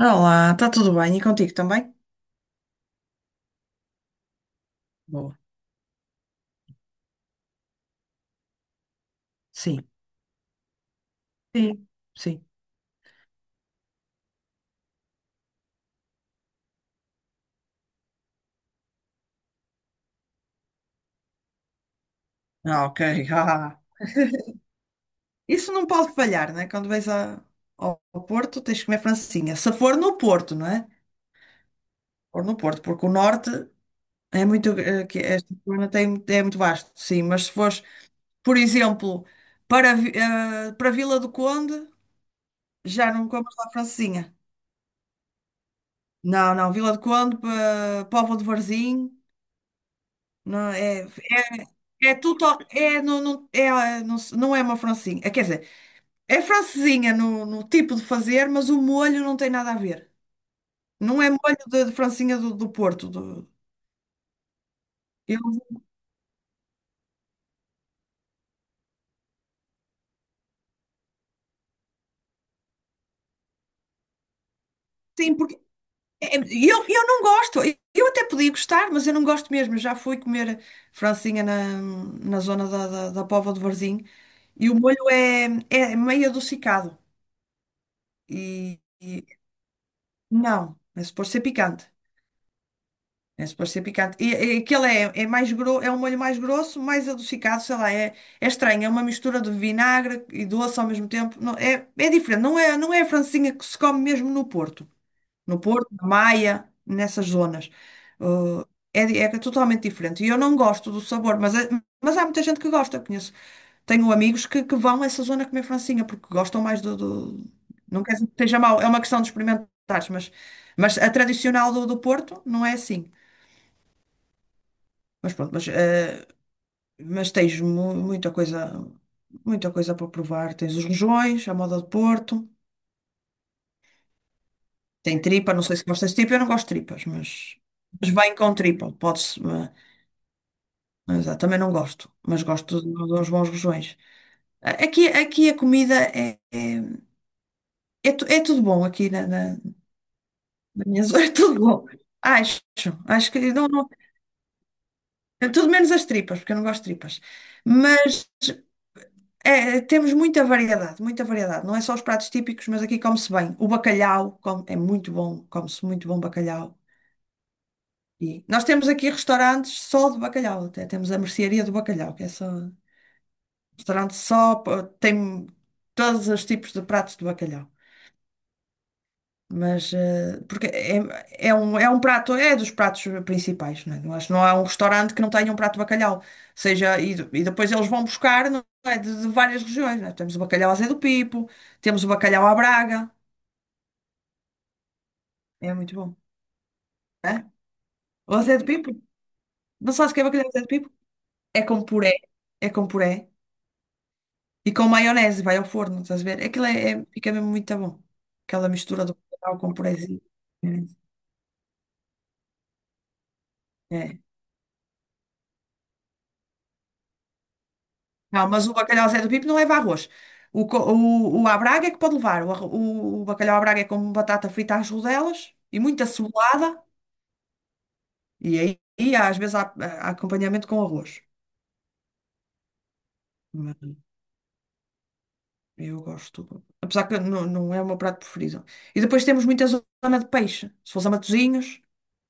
Olá, está tudo bem? E contigo também? Boa. Sim, sim, sim. Ah, ok. Ah. Isso não pode falhar, né? Quando vais ao Porto, tens que comer francesinha. Se for no Porto, não é? For no Porto, porque o norte é muito. Eh, que esta zona tem, é muito vasto, sim. Mas se fores, por exemplo, para Vila do Conde, já não comes lá francesinha. Não, não. Vila do Conde, Póvoa de Varzim, não é? É tudo, é, não, não, é, não, não é uma francesinha. É. Quer dizer, é francesinha no tipo de fazer, mas o molho não tem nada a ver. Não é molho de francesinha do Porto. eu, sim, porque eu não gosto. Eu até podia gostar, mas eu não gosto mesmo. Já fui comer francesinha na zona da Póvoa de Varzim e o molho é meio adocicado. E não, é suposto ser picante. É suposto ser picante. E aquele é mais grosso, é um molho mais grosso, mais adocicado, sei lá, é estranho, é uma mistura de vinagre e doce ao mesmo tempo. Não, é diferente, não é a francesinha que se come mesmo no Porto. No Porto, na Maia, nessas zonas. Uh, É totalmente diferente. E eu não gosto do sabor, mas, mas há muita gente que gosta, conheço. Tenho amigos que vão a essa zona comer francesinha, porque gostam mais do. Não quer dizer que seja mau, é uma questão de experimentares, mas a tradicional do Porto não é assim. Mas pronto, mas tens muita coisa para provar. Tens os rojões, a moda de Porto, tem tripa, não sei se gostas de tripa, eu não gosto de tripas, mas bem com tripa, podes, mas, também não gosto, mas gosto de uns bons rojões. Aqui, aqui a comida é tudo bom aqui na minha zona, é tudo bom. Acho, acho que não, é tudo menos as tripas, porque eu não gosto de tripas. Mas é, temos muita variedade, muita variedade. Não é só os pratos típicos, mas aqui come-se bem. O bacalhau é muito bom, come-se muito bom bacalhau. E nós temos aqui restaurantes só de bacalhau, até temos a mercearia do bacalhau, que é só restaurante só, tem todos os tipos de pratos de bacalhau. Mas, porque é um prato, é dos pratos principais, né? Eu acho que não há um restaurante que não tenha um prato de bacalhau. Seja, e, e depois eles vão buscar, não é, de várias regiões, né? Temos o bacalhau à Zé do Pipo, temos o bacalhau à Braga, é muito bom. É? O Zé do Pipo? Não sabes o que é bacalhau à Zé do Pipo? É com puré, é com puré e com maionese, vai ao forno, estás a ver? Fica mesmo muito bom. Aquela mistura do bacalhau com purézinho. É. Não, mas o bacalhau Zé do Pipo não leva arroz. O à Braga é que pode levar. O bacalhau à Braga é com batata frita às rodelas e muita cebolada. E aí, e às vezes, há acompanhamento com arroz. Mas eu gosto. Apesar que não, não é o meu prato preferido. E depois temos muita zona de peixe. Se fosse a Matosinhos,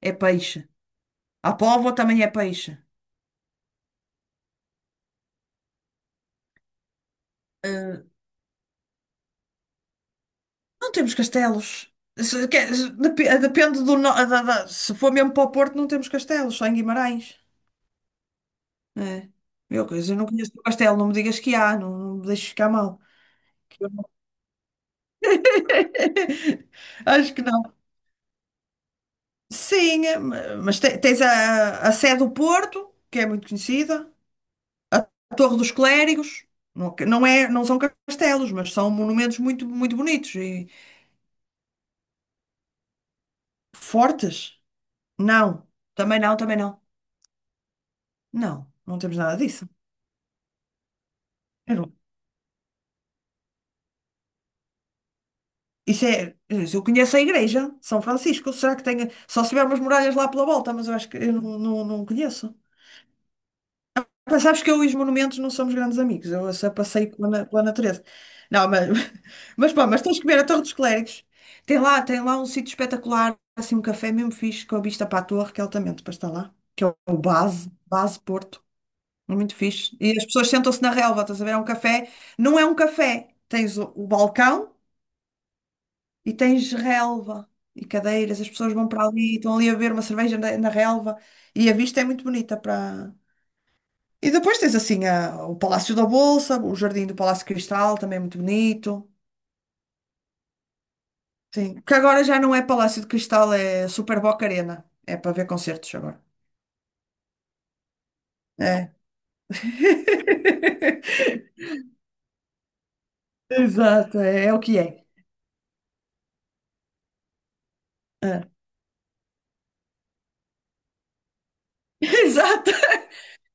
é peixe. A Póvoa também é peixe. Eh, não temos castelos. Depende do. No- da- da- se for mesmo para o Porto, não temos castelos, só em Guimarães. É. Eu, quer dizer, eu não conheço o pastel, não me digas que há, não, não me deixes ficar mal. Que eu não- Acho que não. Sim, mas tens a Sé do Porto, que é muito conhecida, a Torre dos Clérigos, não, não é, não são castelos, mas são monumentos muito, muito bonitos e fortes. Não, também não, também não. Não, não temos nada disso. Eu não- Isso é, eu conheço a igreja, São Francisco, será que tem, só se tiver umas muralhas lá pela volta, mas eu acho que eu não, não, não conheço. Mas sabes que eu e os monumentos não somos grandes amigos, eu só passei pela, pela natureza. Não, mas, mas pá, mas tens que ver a Torre dos Clérigos. Tem lá um sítio espetacular, assim, um café mesmo fixe, com a vista para a torre, que é altamente para estar lá, que é o Base, Base Porto, é muito fixe. E as pessoas sentam-se na relva, estás a ver? É um café, não é um café, tens o balcão e tens relva e cadeiras, as pessoas vão para ali, estão ali a beber uma cerveja na relva e a vista é muito bonita para e depois tens assim o Palácio da Bolsa, o Jardim do Palácio de Cristal, também é muito bonito. Sim, que agora já não é Palácio de Cristal, é Super Boca Arena. É para ver concertos agora. É. Exato, é, é o que é. É. Exato.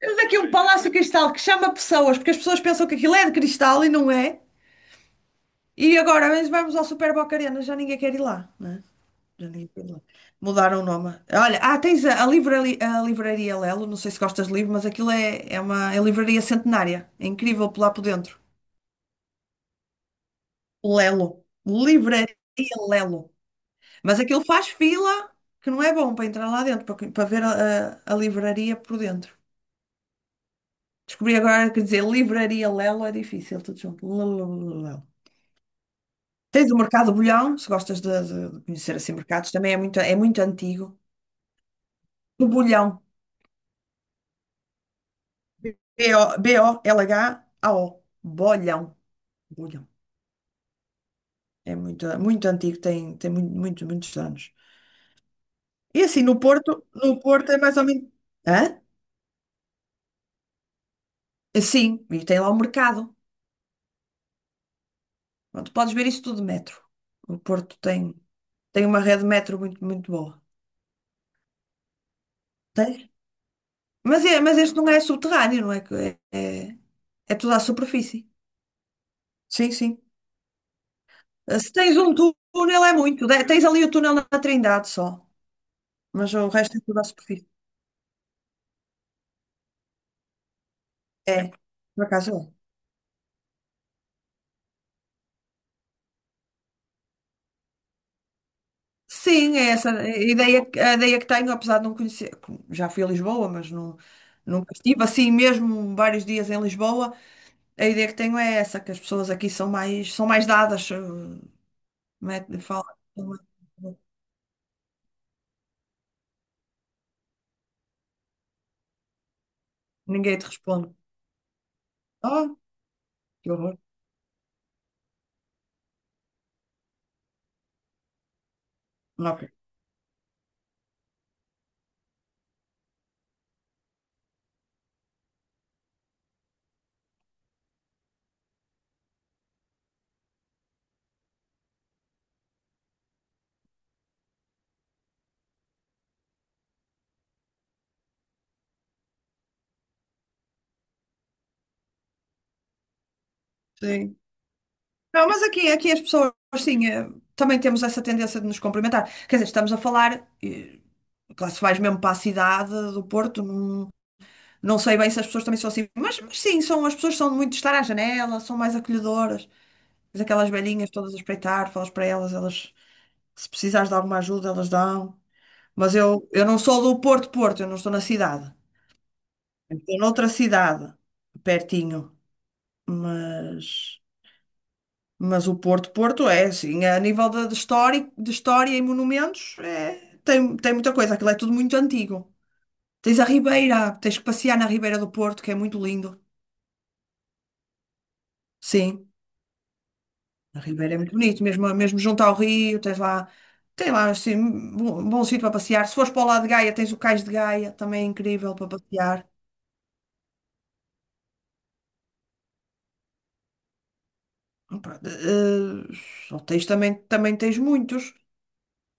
Temos aqui um Palácio de Cristal que chama pessoas, porque as pessoas pensam que aquilo é de cristal e não é. E agora mas vamos ao Super Boca Arena, já ninguém quer ir lá, né? Ali pela- Mudaram o nome. Olha, tens a, a livraria Lelo, não sei se gostas de livro, mas aquilo é, é uma é livraria centenária. É incrível por lá por dentro. Lelo. Livraria Lelo. Mas aquilo faz fila que não é bom para entrar lá dentro, para, para ver a livraria por dentro. Descobri agora que dizer livraria Lelo é difícil, tudo junto. Lelo. Tens o Mercado Bolhão, se gostas de, de conhecer assim mercados, também é muito antigo. O Bolhão. B-O-L-H-A-O. Bolhão. Bolhão. É muito, muito antigo, tem, tem muito, muito, muitos anos. E assim, no Porto, no Porto é mais ou menos. Hã? É. Sim, e tem lá o mercado. Onde podes ver isso tudo de metro. O Porto tem, tem uma rede de metro muito, muito boa. Tens? Mas, é, mas este não é subterrâneo, não é? É, é, é tudo à superfície. Sim, sim. Se tens um túnel é muito. Tens ali o túnel na Trindade só. Mas o resto é tudo à superfície. É, por acaso. É. Sim, é essa a ideia que tenho, apesar de não conhecer. Já fui a Lisboa, mas não, nunca estive assim mesmo vários dias em Lisboa. A ideia que tenho é essa, que as pessoas aqui são mais dadas. Mete, fala, ninguém te responde. Oh, que horror. Ok. Sim. Não, mas aqui, aqui as pessoas, sim, também temos essa tendência de nos cumprimentar. Quer dizer, estamos a falar, eh, claro, se vais mesmo para a cidade do Porto, não sei bem se as pessoas também são assim, mas sim, são, as pessoas são muito de estar à janela, são mais acolhedoras. Mas aquelas velhinhas todas a espreitar, falas para elas, elas, se precisares de alguma ajuda, elas dão. Mas eu não sou do Porto, Porto, eu não estou na cidade. Eu estou noutra cidade, pertinho. Mas, mas o Porto, Porto é assim, a nível de história e monumentos, é, tem, tem muita coisa, aquilo é tudo muito antigo. Tens a Ribeira, tens que passear na Ribeira do Porto, que é muito lindo. Sim. A Ribeira é muito bonito, mesmo, mesmo junto ao rio, tens lá, tem lá assim, bom, bom sítio para passear. Se fores para o lado de Gaia, tens o Cais de Gaia, também é incrível para passear. Pronto, hotéis também, também tens muitos,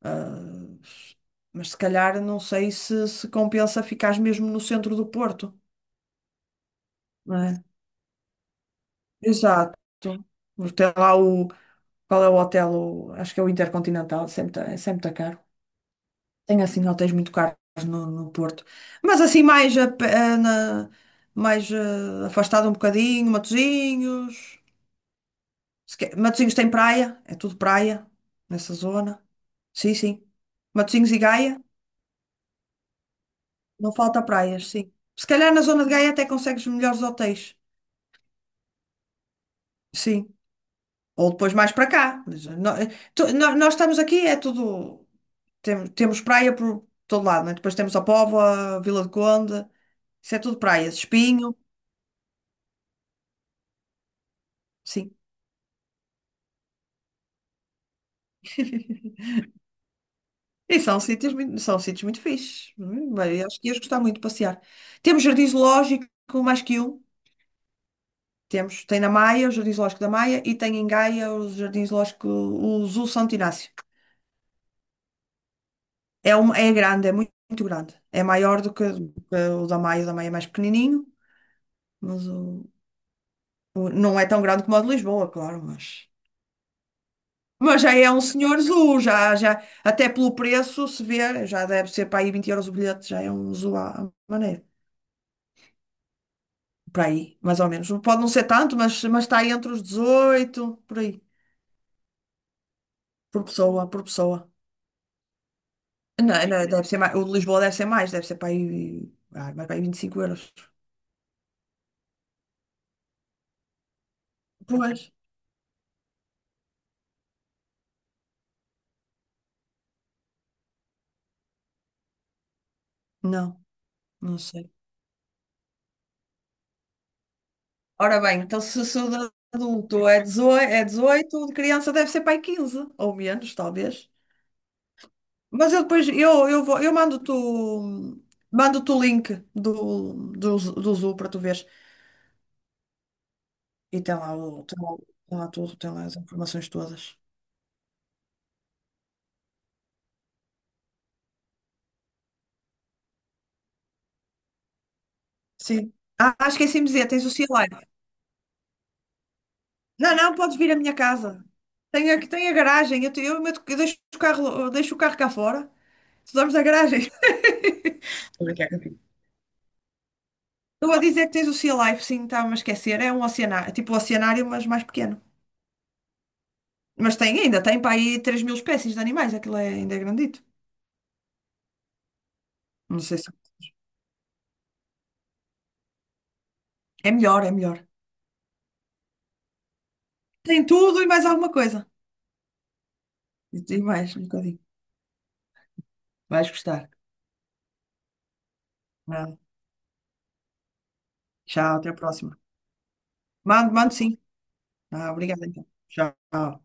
eh, mas se calhar não sei se, se compensa ficares mesmo no centro do Porto, não é? Exato. Tem lá o, qual é o hotel? Acho que é o Intercontinental, sempre está sempre tá caro. Tem assim hotéis muito caros no, no Porto. Mas assim mais, a pé- eh, na- mais afastado um bocadinho, Matosinhos. Se quer- Matosinhos tem praia, é tudo praia nessa zona. Sim, sim. Matosinhos e Gaia, não falta praias, sim. Se calhar na zona de Gaia até consegues melhores hotéis. Sim. Ou depois mais para cá. Mas, nós estamos aqui, é tudo. Temos, temos praia por todo lado, né? Depois temos a Póvoa, Vila do Conde, isso é tudo praias. Espinho. Sim. E são sítios muito fixes. Bem, acho que ias gostar muito de passear. Temos jardim zoológico, mais que um. Temos, tem na Maia, o Jardim Zoológico da Maia, e tem em Gaia o Jardim Zoológico, o Zoo Santo Inácio. É, um, é grande, é muito, muito grande. É maior do que o da Maia é mais pequenininho, mas o, não é tão grande como o de Lisboa, claro, mas já é um senhor zoo, já, já, até pelo preço se vê, já deve ser para aí 20€ o bilhete, já é um zoo à à maneira. Por aí, mais ou menos. Pode não ser tanto, mas está aí entre os 18 por aí, por pessoa, por pessoa. Não, não, deve ser mais, o de Lisboa deve ser mais, deve ser para aí, mas para aí 25€. Pois, não, não sei. Ora bem, então se o de adulto é dezoito, o de criança deve ser para aí 15, ou menos, talvez. Mas eu depois, eu vou, eu mando-te mando-te o link do, do Zoo para tu veres. E tem lá, o, tem lá, tem lá tudo, tem lá as informações todas. Sim. Ah, ah, esqueci-me de dizer, tens o Sea Life. Não, não, podes vir à minha casa. Tem a, tem a garagem, eu, eu, eu deixo o carro, eu deixo o carro cá fora. Tu dormes na garagem. Estou a brincar contigo. Estou a dizer que tens o Sea Life, sim, estava-me a esquecer. É um oceanário, tipo um oceanário, mas mais pequeno. Mas tem ainda, tem para aí 3000 espécies de animais, aquilo é, ainda é grandito. Não sei se. É melhor, é melhor. Tem tudo e mais alguma coisa. E tem mais, um bocadinho. Vais gostar. Ah, tchau, até a próxima. Mando, mando sim. Ah, obrigada então. Tchau.